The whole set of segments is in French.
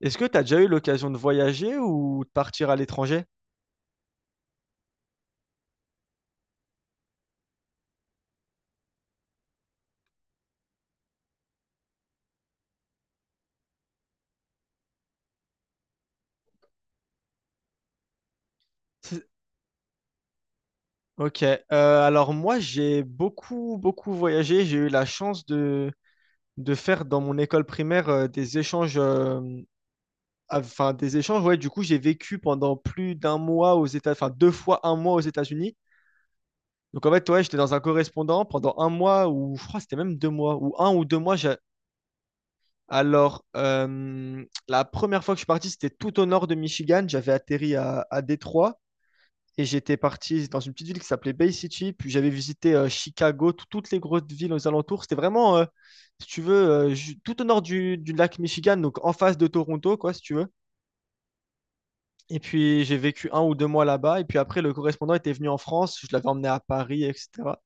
Est-ce que tu as déjà eu l'occasion de voyager ou de partir à l'étranger? C'est- Ok. Alors moi, j'ai beaucoup, beaucoup voyagé. J'ai eu la chance de faire dans mon école primaire des échanges. Enfin, des échanges, ouais. Du coup, j'ai vécu pendant plus d'un mois aux États, enfin deux fois un mois aux États-Unis. Donc en fait, ouais, j'étais dans un correspondant pendant un mois ou je crois que c'était même deux mois ou un ou deux mois. Alors la première fois que je suis parti, c'était tout au nord de Michigan. J'avais atterri à Détroit et j'étais parti dans une petite ville qui s'appelait Bay City. Puis j'avais visité Chicago, toutes les grosses villes aux alentours. C'était vraiment, si tu veux, tout au nord du lac Michigan, donc en face de Toronto, quoi, si tu veux. Et puis j'ai vécu un ou deux mois là-bas. Et puis après, le correspondant était venu en France. Je l'avais emmené à Paris, etc.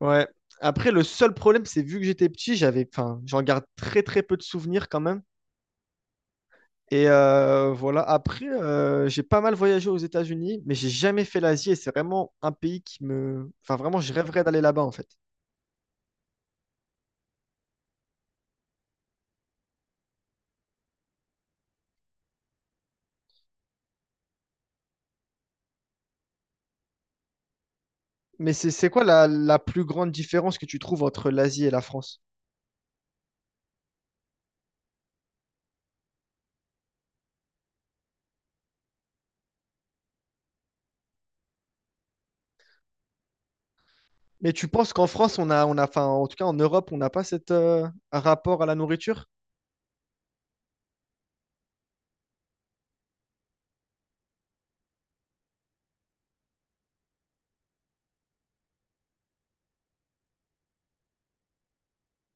Ouais. Après, le seul problème, c'est vu que j'étais petit, j'avais, enfin, j'en garde très très peu de souvenirs quand même. Et voilà. Après, j'ai pas mal voyagé aux États-Unis, mais j'ai jamais fait l'Asie et c'est vraiment un pays qui me, enfin, vraiment, je rêverais d'aller là-bas en fait. Mais c'est quoi la, la plus grande différence que tu trouves entre l'Asie et la France? Mais tu penses qu'en France, on a, enfin, en tout cas en Europe, on n'a pas cet rapport à la nourriture?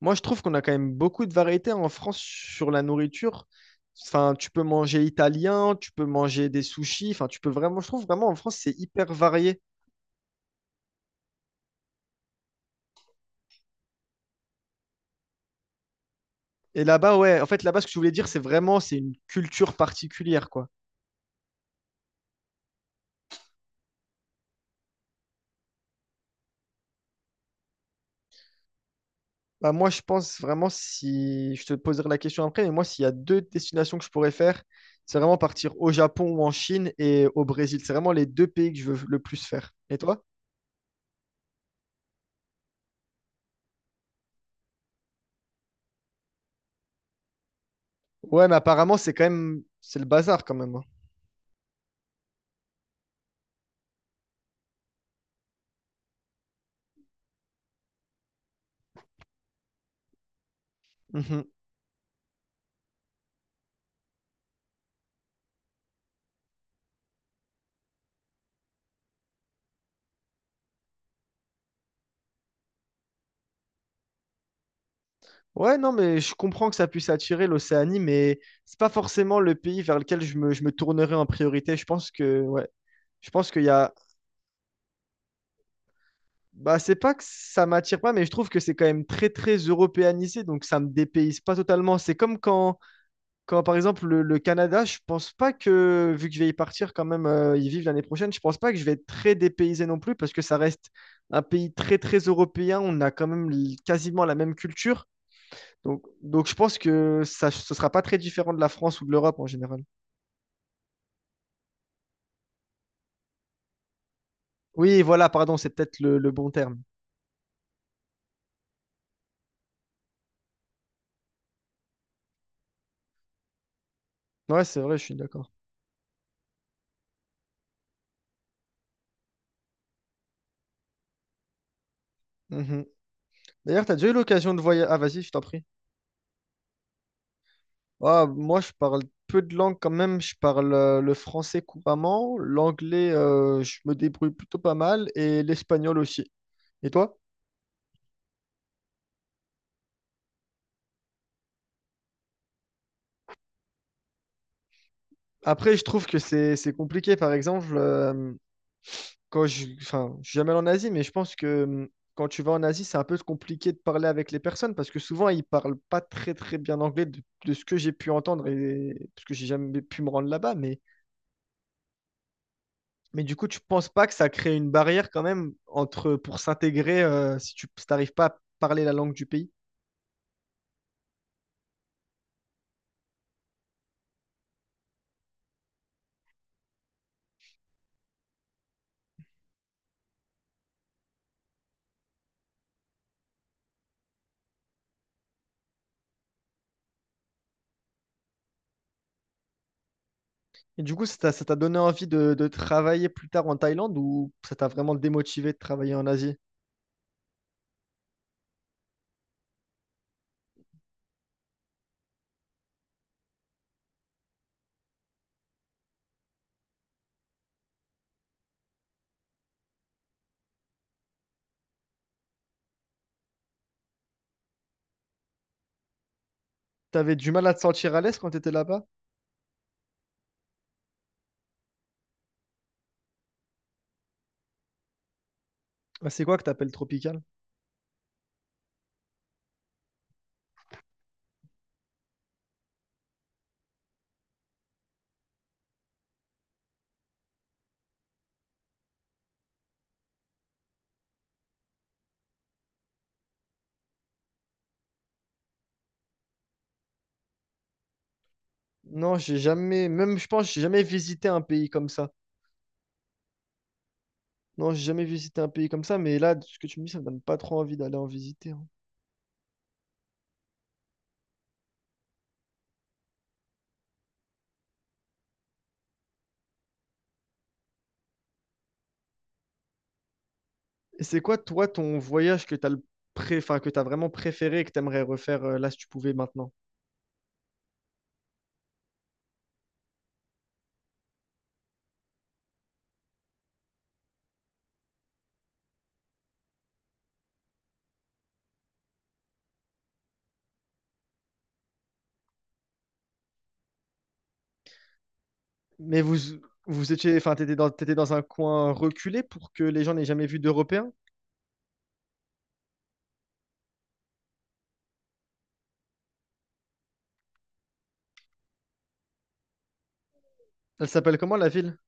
Moi, je trouve qu'on a quand même beaucoup de variétés en France sur la nourriture. Enfin, tu peux manger italien, tu peux manger des sushis. Enfin, tu peux vraiment, je trouve vraiment en France, c'est hyper varié. Et là-bas, ouais, en fait, là-bas, ce que je voulais dire, c'est vraiment, c'est une culture particulière, quoi. Bah, moi, je pense vraiment, si je te poserai la question après, mais moi, s'il y a deux destinations que je pourrais faire, c'est vraiment partir au Japon ou en Chine et au Brésil. C'est vraiment les deux pays que je veux le plus faire. Et toi? Ouais, mais apparemment, c'est quand même, c'est le bazar quand même, hein. Mhm. Ouais, non, mais je comprends que ça puisse attirer l'Océanie, mais c'est pas forcément le pays vers lequel je me tournerai en priorité. Je pense que, ouais, je pense qu'il y a. Bah, c'est pas que ça m'attire pas, mais je trouve que c'est quand même très, très européanisé, donc ça me dépayse pas totalement. C'est comme quand, quand par exemple, le Canada, je pense pas que, vu que je vais y partir quand même, y vivre l'année prochaine, je pense pas que je vais être très dépaysé non plus, parce que ça reste un pays très, très européen. On a quand même quasiment la même culture. Donc je pense que ça, ce sera pas très différent de la France ou de l'Europe en général. Oui, voilà, pardon, c'est peut-être le bon terme. Ouais, c'est vrai, je suis d'accord. Mhm. D'ailleurs, t'as déjà eu l'occasion de voyager. Ah, vas-y, je t'en prie. Ah, moi, je parle peu de langues quand même. Je parle le français couramment, l'anglais, je me débrouille plutôt pas mal, et l'espagnol aussi. Et toi? Après, je trouve que c'est compliqué. Par exemple, quand je, enfin, je suis jamais allé en Asie, mais je pense que quand tu vas en Asie, c'est un peu compliqué de parler avec les personnes parce que souvent, ils parlent pas très très bien anglais de ce que j'ai pu entendre et parce que j'ai jamais pu me rendre là-bas. Mais du coup, tu penses pas que ça crée une barrière quand même entre pour s'intégrer si tu n'arrives pas à parler la langue du pays? Et du coup, ça t'a donné envie de travailler plus tard en Thaïlande ou ça t'a vraiment démotivé de travailler en Asie? T'avais du mal à te sentir à l'aise quand t'étais là-bas? Ah, c'est quoi que t'appelles tropical? Non, j'ai jamais, même je pense, j'ai jamais visité un pays comme ça. Non, j'ai jamais visité un pays comme ça, mais là, ce que tu me dis, ça me donne pas trop envie d'aller en visiter, hein. Et c'est quoi, toi, ton voyage que t'as le enfin, que t'as vraiment préféré et que t'aimerais refaire là si tu pouvais maintenant? Mais vous, vous étiez, enfin, t'étais dans un coin reculé pour que les gens n'aient jamais vu d'Européens. Elle s'appelle comment la ville?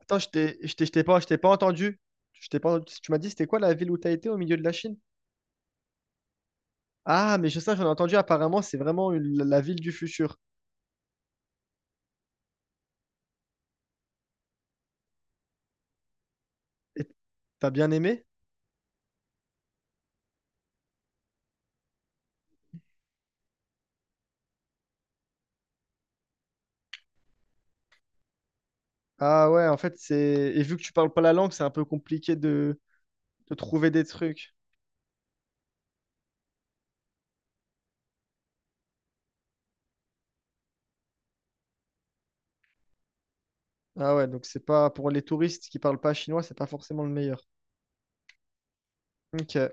Attends, je t'ai pas entendu. Je t'ai pas, tu m'as dit c'était quoi la ville où t'as été au milieu de la Chine? Ah, mais je sais, j'en ai entendu. Apparemment, c'est vraiment la ville du futur. Et t'as bien aimé? Ah ouais, en fait, c'est, et vu que tu parles pas la langue, c'est un peu compliqué de trouver des trucs. Ah ouais, donc c'est pas pour les touristes qui parlent pas chinois, c'est pas forcément le meilleur. Ok.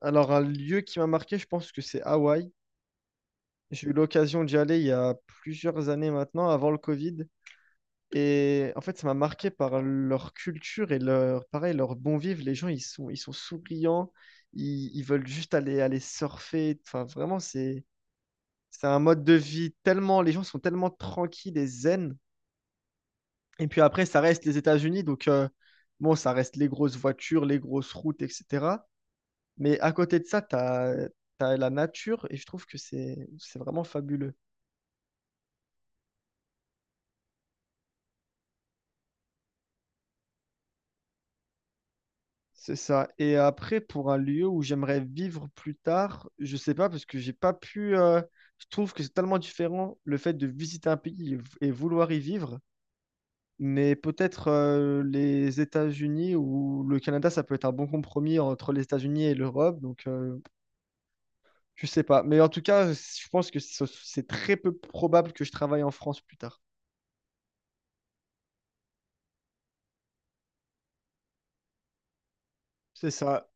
Alors un lieu qui m'a marqué, je pense que c'est Hawaï. J'ai eu l'occasion d'y aller il y a plusieurs années maintenant, avant le Covid. Et en fait, ça m'a marqué par leur culture et leur, pareil, leur bon vivre. Les gens, ils sont souriants, ils veulent juste aller, aller surfer. Enfin, vraiment, c'est un mode de vie tellement, les gens sont tellement tranquilles et zen. Et puis après, ça reste les États-Unis, donc bon, ça reste les grosses voitures, les grosses routes, etc. Mais à côté de ça, tu as, la nature et je trouve que c'est vraiment fabuleux. C'est ça. Et après, pour un lieu où j'aimerais vivre plus tard, je sais pas, parce que j'ai pas pu. Je trouve que c'est tellement différent le fait de visiter un pays et vouloir y vivre. Mais peut-être les États-Unis ou le Canada, ça peut être un bon compromis entre les États-Unis et l'Europe. Donc, je sais pas. Mais en tout cas, je pense que c'est très peu probable que je travaille en France plus tard. C'est ça.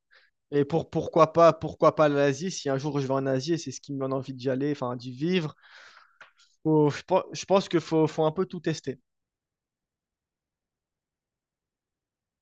Et pour pourquoi pas l'Asie, si un jour je vais en Asie, et c'est ce qui me donne envie d'y aller, enfin d'y vivre. Je pense qu'il faut, faut un peu tout tester.